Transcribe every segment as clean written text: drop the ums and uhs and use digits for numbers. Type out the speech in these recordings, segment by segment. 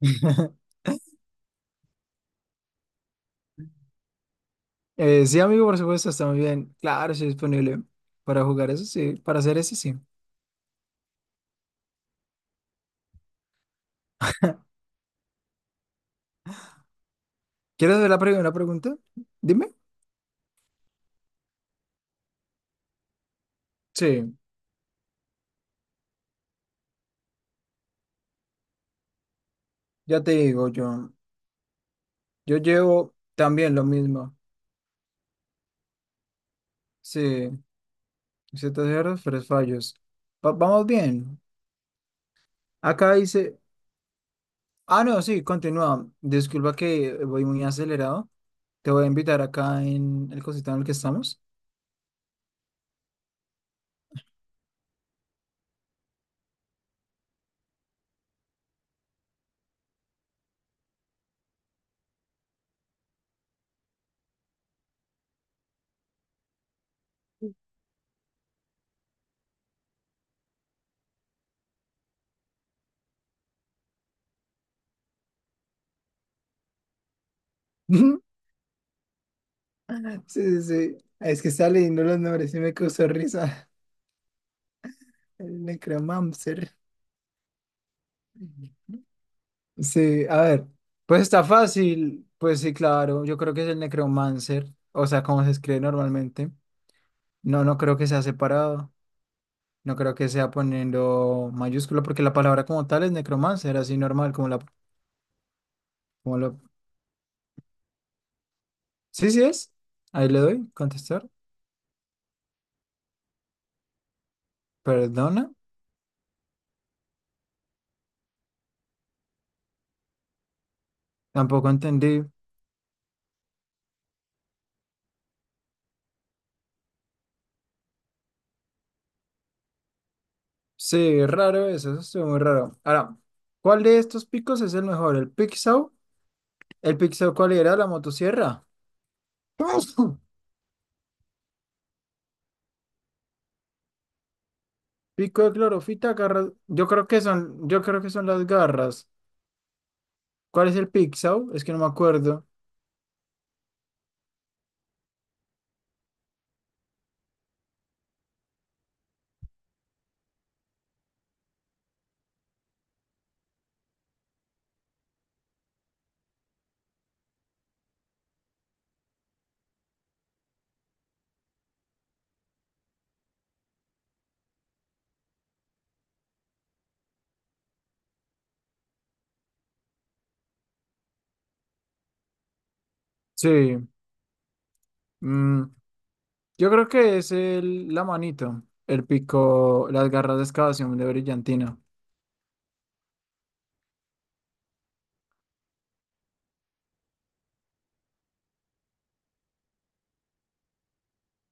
Sí, amigo, por supuesto, está muy bien. Claro, estoy disponible para jugar eso, sí, para hacer eso, sí. ¿Quieres hacer la primera pregunta? Dime. Sí, ya te digo yo. Yo llevo también lo mismo. Sí, ciertos errores, pero fallos. Vamos bien. Acá dice. Ah, no, sí, continúa. Disculpa que voy muy acelerado. Te voy a invitar acá en el cosito en el que estamos. Sí, sí, sí. Es que está leyendo los nombres y me causó risa. El necromancer. Sí, a ver, pues está fácil, pues sí, claro, yo creo que es el necromancer, o sea, como se escribe normalmente. No, no creo que sea separado, no creo que sea poniendo mayúscula, porque la palabra como tal es necromancer, así normal, como la, como lo... Sí, sí es, ahí le doy, contestar, perdona, tampoco entendí. Sí, raro eso, eso estuvo muy raro. Ahora, ¿cuál de estos picos es el mejor? ¿El pixau? ¿El pixau cuál era? ¿La motosierra? Pico de clorofita, garras. Yo creo que son las garras. ¿Cuál es el pixau? Es que no me acuerdo. Sí. mm, yo creo que es el, la manito. El pico, las garras de excavación de brillantina.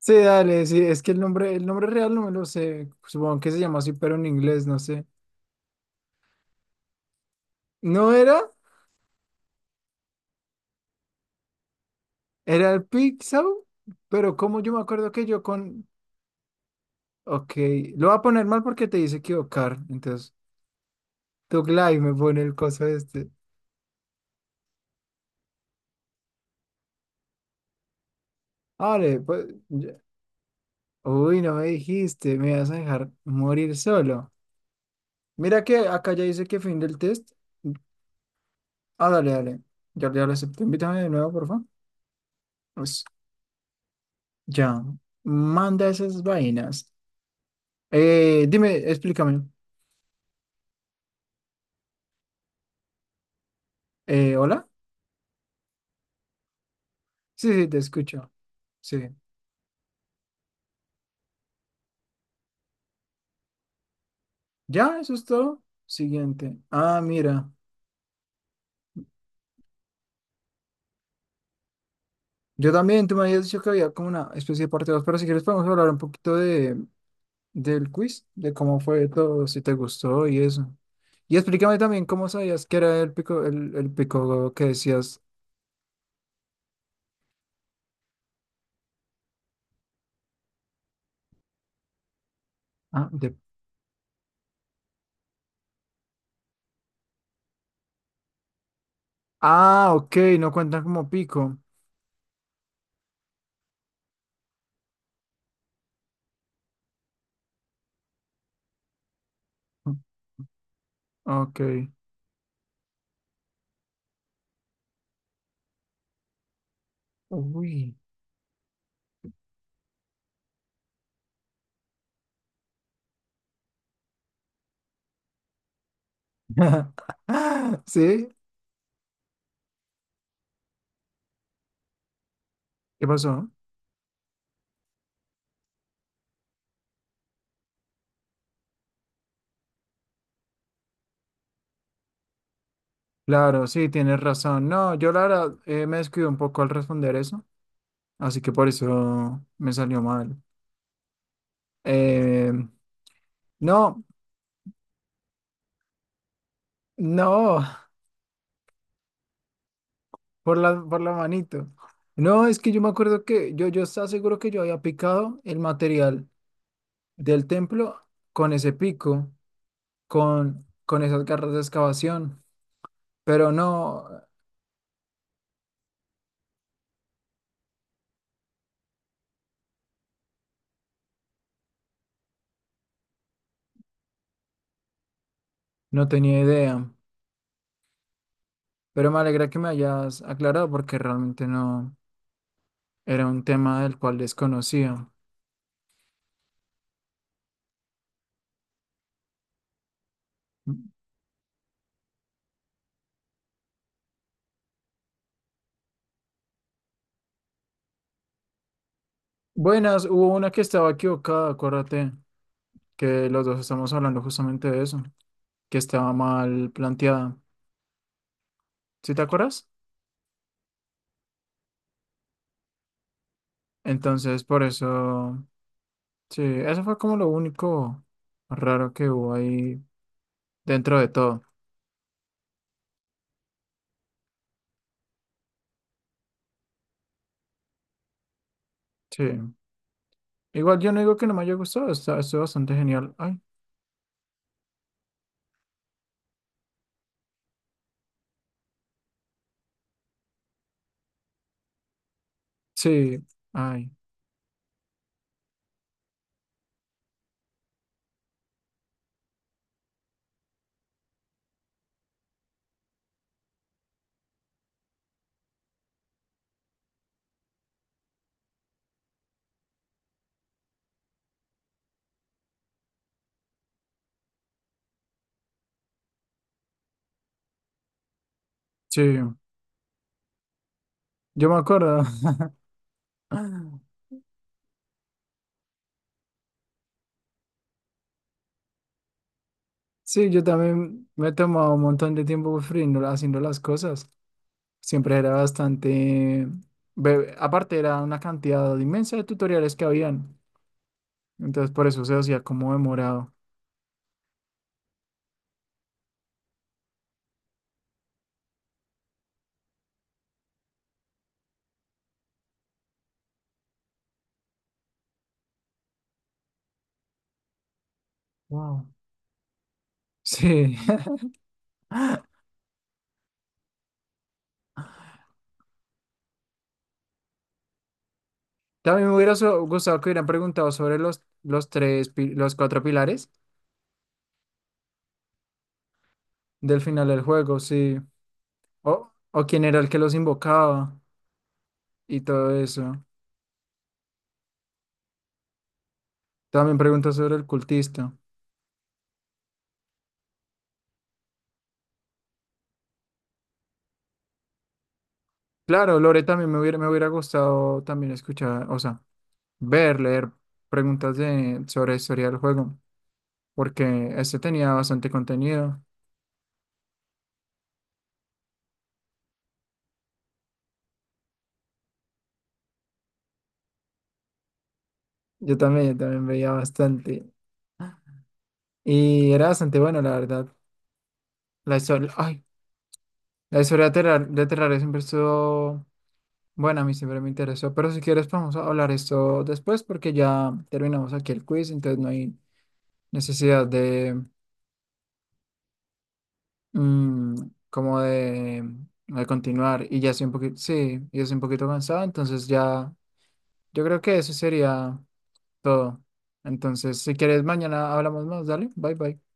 Sí, dale, sí, es que el nombre real no me lo sé. Supongo que se llama así, pero en inglés, no sé. ¿No era? Era el pixau, pero como yo me acuerdo que yo con. Ok, lo voy a poner mal porque te dice equivocar. Entonces, tu Glaive me pone el coso este. Vale, pues. Uy, no me dijiste, me vas a dejar morir solo. Mira que acá ya dice que fin del test. Ah, dale, dale. Ya, ya lo acepté. Invítame de nuevo, por favor. Pues ya. Manda esas vainas. Dime, explícame. ¿Hola? Sí, sí, te escucho. Sí. Ya, eso es todo. Siguiente. Ah, mira. Yo también, tú me habías dicho que había como una especie de parte 2, pero si quieres podemos hablar un poquito de del quiz, de cómo fue todo, si te gustó y eso. Y explícame también cómo sabías que era el pico que decías. Ah, de... ah, ok, no cuentan como pico. Ok. Uy. ¿Sí? ¿Qué pasó? Claro, sí, tienes razón. No, yo la verdad me descuido un poco al responder eso, así que por eso me salió mal. Eh, no, no. Por la manito. No, es que yo me acuerdo que yo estaba seguro que yo había picado el material del templo con ese pico, con esas garras de excavación, pero no, no tenía idea. Pero me alegra que me hayas aclarado porque realmente no era un tema del cual desconocía. Buenas, hubo una que estaba equivocada, acuérdate que los dos estamos hablando justamente de eso, que estaba mal planteada. ¿Sí te acuerdas? Entonces, por eso. Sí, eso fue como lo único raro que hubo ahí dentro de todo. Sí. Igual yo no digo que no me haya gustado, está, estuvo bastante genial. Ay, sí, ay, sí. Yo me acuerdo. Sí, yo también me he tomado un montón de tiempo pues, haciendo las cosas. Siempre era bastante... Aparte era una cantidad inmensa de tutoriales que habían. Entonces por eso se hacía como demorado. Wow. Sí. También me hubiera gustado que hubieran preguntado sobre los 3, los 4 pilares del final del juego, sí. O, o quién era el que los invocaba y todo eso. También preguntas sobre el cultista. Claro, Lore también me hubiera gustado también escuchar, o sea, ver, leer preguntas de, sobre la historia del juego, porque este tenía bastante contenido. Yo también veía bastante. Y era bastante bueno, la verdad. La historia, ay, la historia de Terrar, de Terraria siempre estuvo. Bueno, a mí siempre me interesó, pero si quieres podemos hablar esto después porque ya terminamos aquí el quiz, entonces no hay necesidad de mm, como de continuar y ya estoy un poquito, sí, ya estoy un poquito cansado, entonces ya yo creo que eso sería todo. Entonces, si quieres mañana hablamos más, dale, bye bye.